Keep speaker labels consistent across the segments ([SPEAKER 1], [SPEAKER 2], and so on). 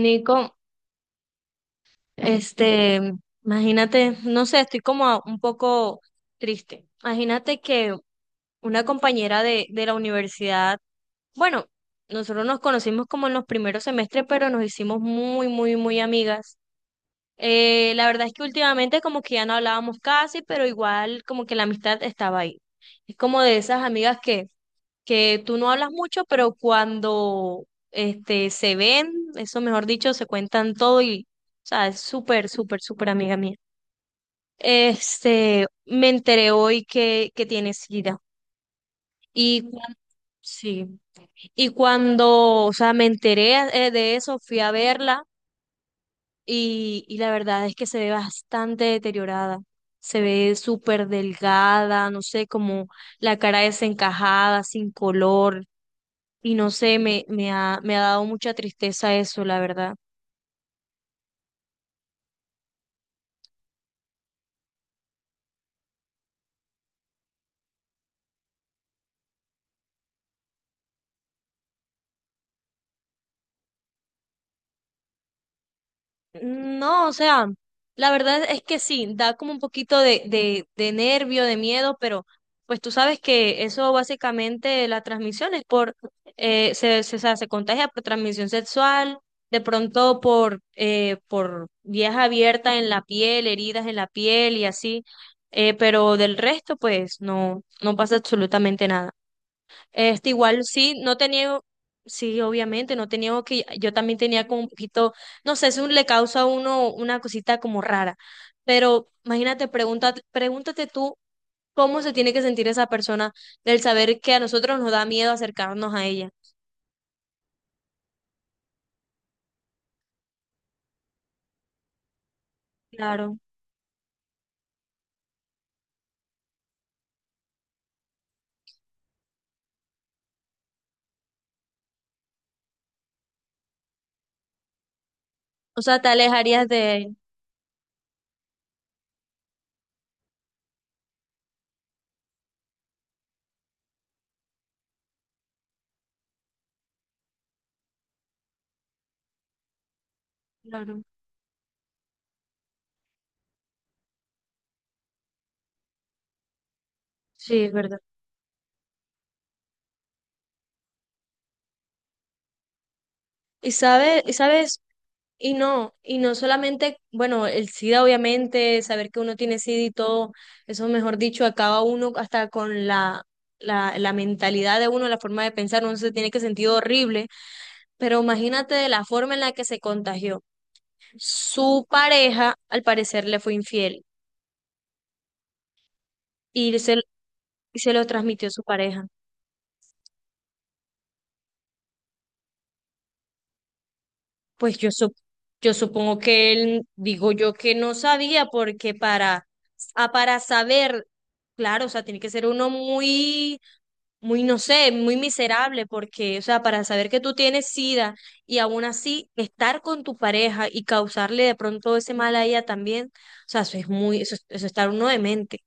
[SPEAKER 1] Nico, este, imagínate, no sé, estoy como un poco triste. Imagínate que una compañera de la universidad, bueno, nosotros nos conocimos como en los primeros semestres, pero nos hicimos muy, muy, muy amigas. La verdad es que últimamente como que ya no hablábamos casi, pero igual como que la amistad estaba ahí. Es como de esas amigas que tú no hablas mucho, pero cuando se ven, eso mejor dicho, se cuentan todo y, o sea, es súper, súper, súper amiga mía. Me enteré hoy que tiene SIDA. Y cu- sí, y cuando, o sea, me enteré de eso, fui a verla y la verdad es que se ve bastante deteriorada. Se ve súper delgada, no sé, como la cara desencajada, sin color. Y no sé, me ha dado mucha tristeza eso, la verdad. Mm, no, o sea, la verdad es que sí, da como un poquito de nervio, de miedo, pero pues tú sabes que eso básicamente la transmisión es por, o sea, se contagia por transmisión sexual, de pronto por vías abiertas en la piel, heridas en la piel y así, pero del resto pues no, no pasa absolutamente nada. Igual sí, no tenía, sí, obviamente, no tenía que, yo también tenía como un poquito, no sé, eso le causa a uno una cosita como rara, pero imagínate, pregunta pregúntate tú cómo se tiene que sentir esa persona del saber que a nosotros nos da miedo acercarnos a ella. Claro. O sea, ¿te alejarías de él? Claro. Sí, es verdad. Y sabes. Y no solamente, bueno, el SIDA, obviamente, saber que uno tiene SIDA y todo, eso mejor dicho, acaba uno hasta con la mentalidad de uno, la forma de pensar, uno se tiene que sentir horrible, pero imagínate de la forma en la que se contagió. Su pareja, al parecer, le fue infiel y se, y se lo transmitió a su pareja. Pues yo, sup- yo supongo que él, digo yo que no sabía, porque para, a para saber, claro, o sea, tiene que ser uno muy muy, no sé, muy miserable, porque, o sea, para saber que tú tienes SIDA y aún así estar con tu pareja y causarle de pronto ese mal a ella también, o sea, eso es muy, eso es estar uno demente.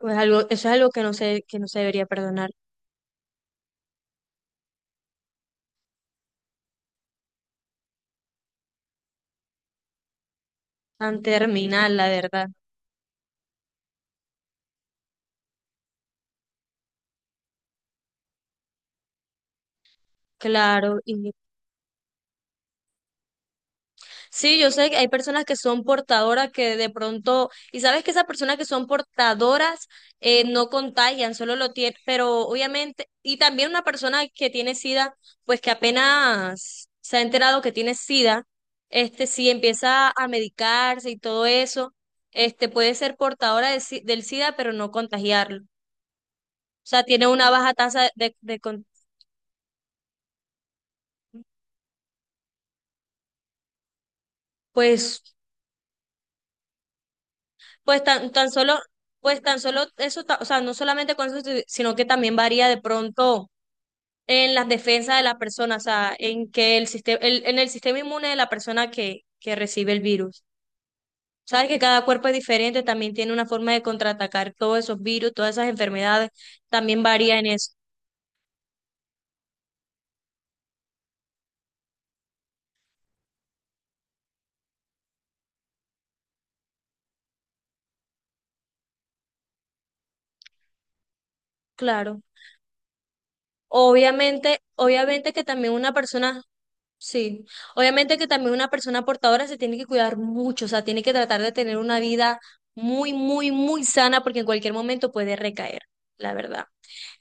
[SPEAKER 1] Eso es algo que no se debería perdonar. Tan terminal, la verdad. Claro. Sí, yo sé que hay personas que son portadoras que de pronto, y sabes que esas personas que son portadoras no contagian, solo lo tienen, pero obviamente, y también una persona que tiene SIDA, pues que apenas se ha enterado que tiene SIDA, este sí empieza a medicarse y todo eso, este puede ser portadora de si- del SIDA, pero no contagiarlo. O sea, tiene una baja tasa de. Pues tan solo, pues tan solo eso, o sea, no solamente con eso, sino que también varía de pronto en las defensas de la persona, o sea, en que el sistema, en el sistema inmune de la persona que recibe el virus. Sabes que cada cuerpo es diferente, también tiene una forma de contraatacar todos esos virus, todas esas enfermedades, también varía en eso. Claro. Obviamente, obviamente que también una persona sí, obviamente que también una persona portadora se tiene que cuidar mucho, o sea, tiene que tratar de tener una vida muy, muy, muy sana porque en cualquier momento puede recaer, la verdad.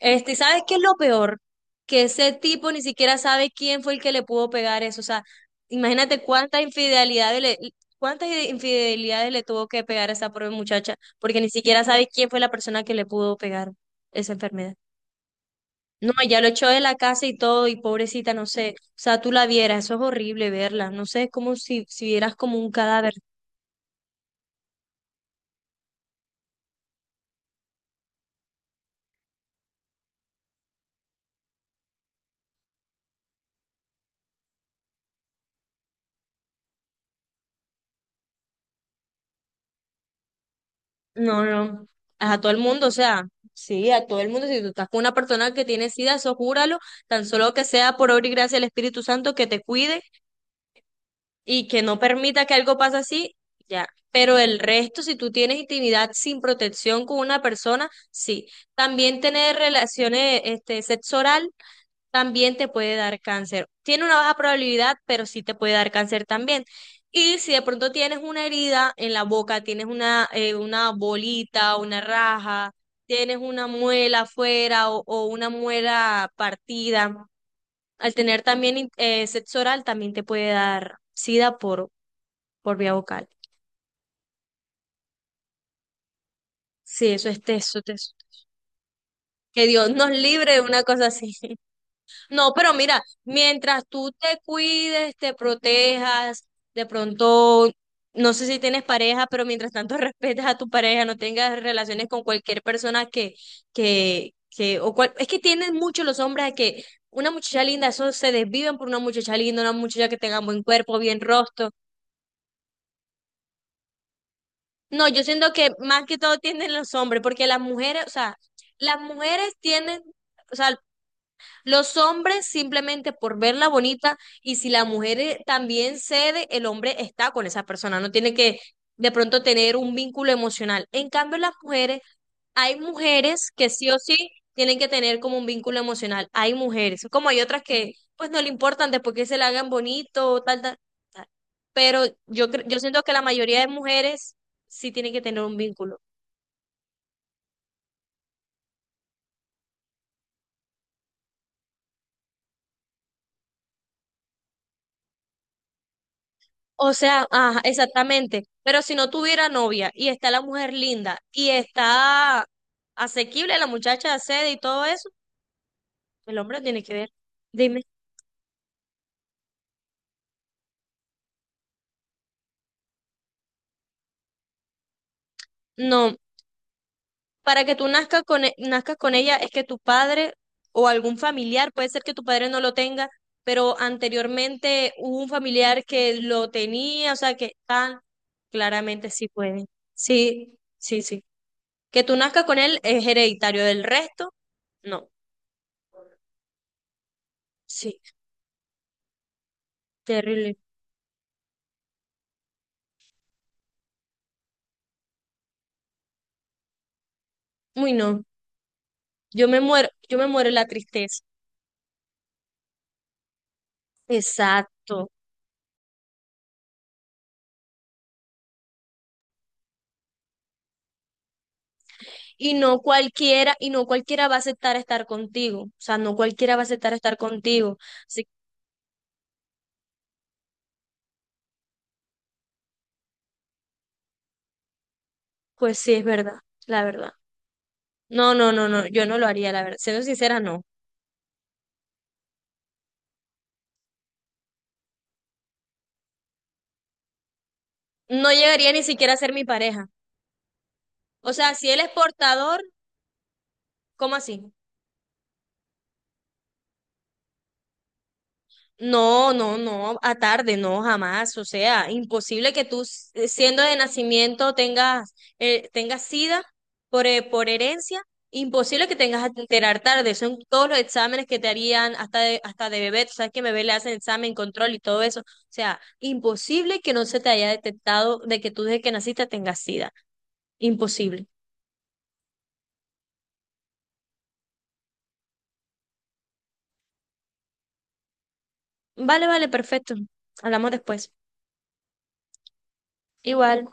[SPEAKER 1] ¿Sabes qué es lo peor? Que ese tipo ni siquiera sabe quién fue el que le pudo pegar eso, o sea, imagínate cuántas infidelidades le tuvo que pegar a esa pobre muchacha porque ni siquiera sabe quién fue la persona que le pudo pegar esa enfermedad. No, ya lo echó de la casa y todo, y pobrecita, no sé. O sea, tú la vieras, eso es horrible verla. No sé, es como si vieras como un cadáver. No, no. A todo el mundo, o sea, sí, a todo el mundo. Si tú estás con una persona que tiene sida, eso júralo, tan solo que sea por obra y gracia del Espíritu Santo que te cuide y que no permita que algo pase así, ya. Pero el resto, si tú tienes intimidad sin protección con una persona, sí. También tener relaciones, sexo oral también te puede dar cáncer. Tiene una baja probabilidad, pero sí te puede dar cáncer también. Y si de pronto tienes una herida en la boca, tienes una bolita, una raja, tienes una muela afuera o una muela partida, al tener también sexo oral también te puede dar sida por vía vocal. Sí, eso es teso, teso. Que Dios nos libre de una cosa así. No, pero mira, mientras tú te cuides, te protejas, de pronto, no sé si tienes pareja, pero mientras tanto respetes a tu pareja, no tengas relaciones con cualquier persona o cual, es que tienen mucho los hombres a que una muchacha linda, eso se desviven por una muchacha linda, una muchacha que tenga buen cuerpo, bien rostro. No, yo siento que más que todo tienden los hombres, porque las mujeres, o sea, las mujeres tienen, o sea, los hombres simplemente por verla bonita y si la mujer también cede, el hombre está con esa persona, no tiene que de pronto tener un vínculo emocional. En cambio, las mujeres, hay mujeres que sí o sí tienen que tener como un vínculo emocional. Hay mujeres, como hay otras que pues no le importan después que se la hagan bonito, tal, tal, tal. Pero yo siento que la mayoría de mujeres sí tienen que tener un vínculo. O sea, ajá, exactamente. Pero si no tuviera novia y está la mujer linda y está asequible, la muchacha accede y todo eso, el hombre tiene que ver. Dime. No, para que tú nazcas con, nazcas con ella es que tu padre o algún familiar, puede ser que tu padre no lo tenga, pero anteriormente hubo un familiar que lo tenía, o sea, que tan claramente sí puede. Sí, sí, sí. Que tú nazcas con él es hereditario, del resto, no. Sí, terrible. Uy, no, yo me muero de la tristeza. Exacto. Y no cualquiera va a aceptar estar contigo. O sea, no cualquiera va a aceptar estar contigo. Así pues sí, es verdad, la verdad. No, no, no, no, yo no lo haría, la verdad. Siendo sincera, no. No llegaría ni siquiera a ser mi pareja. O sea, si él es portador, ¿cómo así? No, no, no, a tarde, no, jamás. O sea, imposible que siendo de nacimiento, tengas SIDA por, por herencia. Imposible que tengas que enterar tarde. Son todos los exámenes que te harían hasta de bebé. Tú sabes que bebé le hacen examen, control y todo eso. O sea, imposible que no se te haya detectado de que tú desde que naciste tengas SIDA. Imposible. Vale, vale, perfecto. Hablamos después. Igual.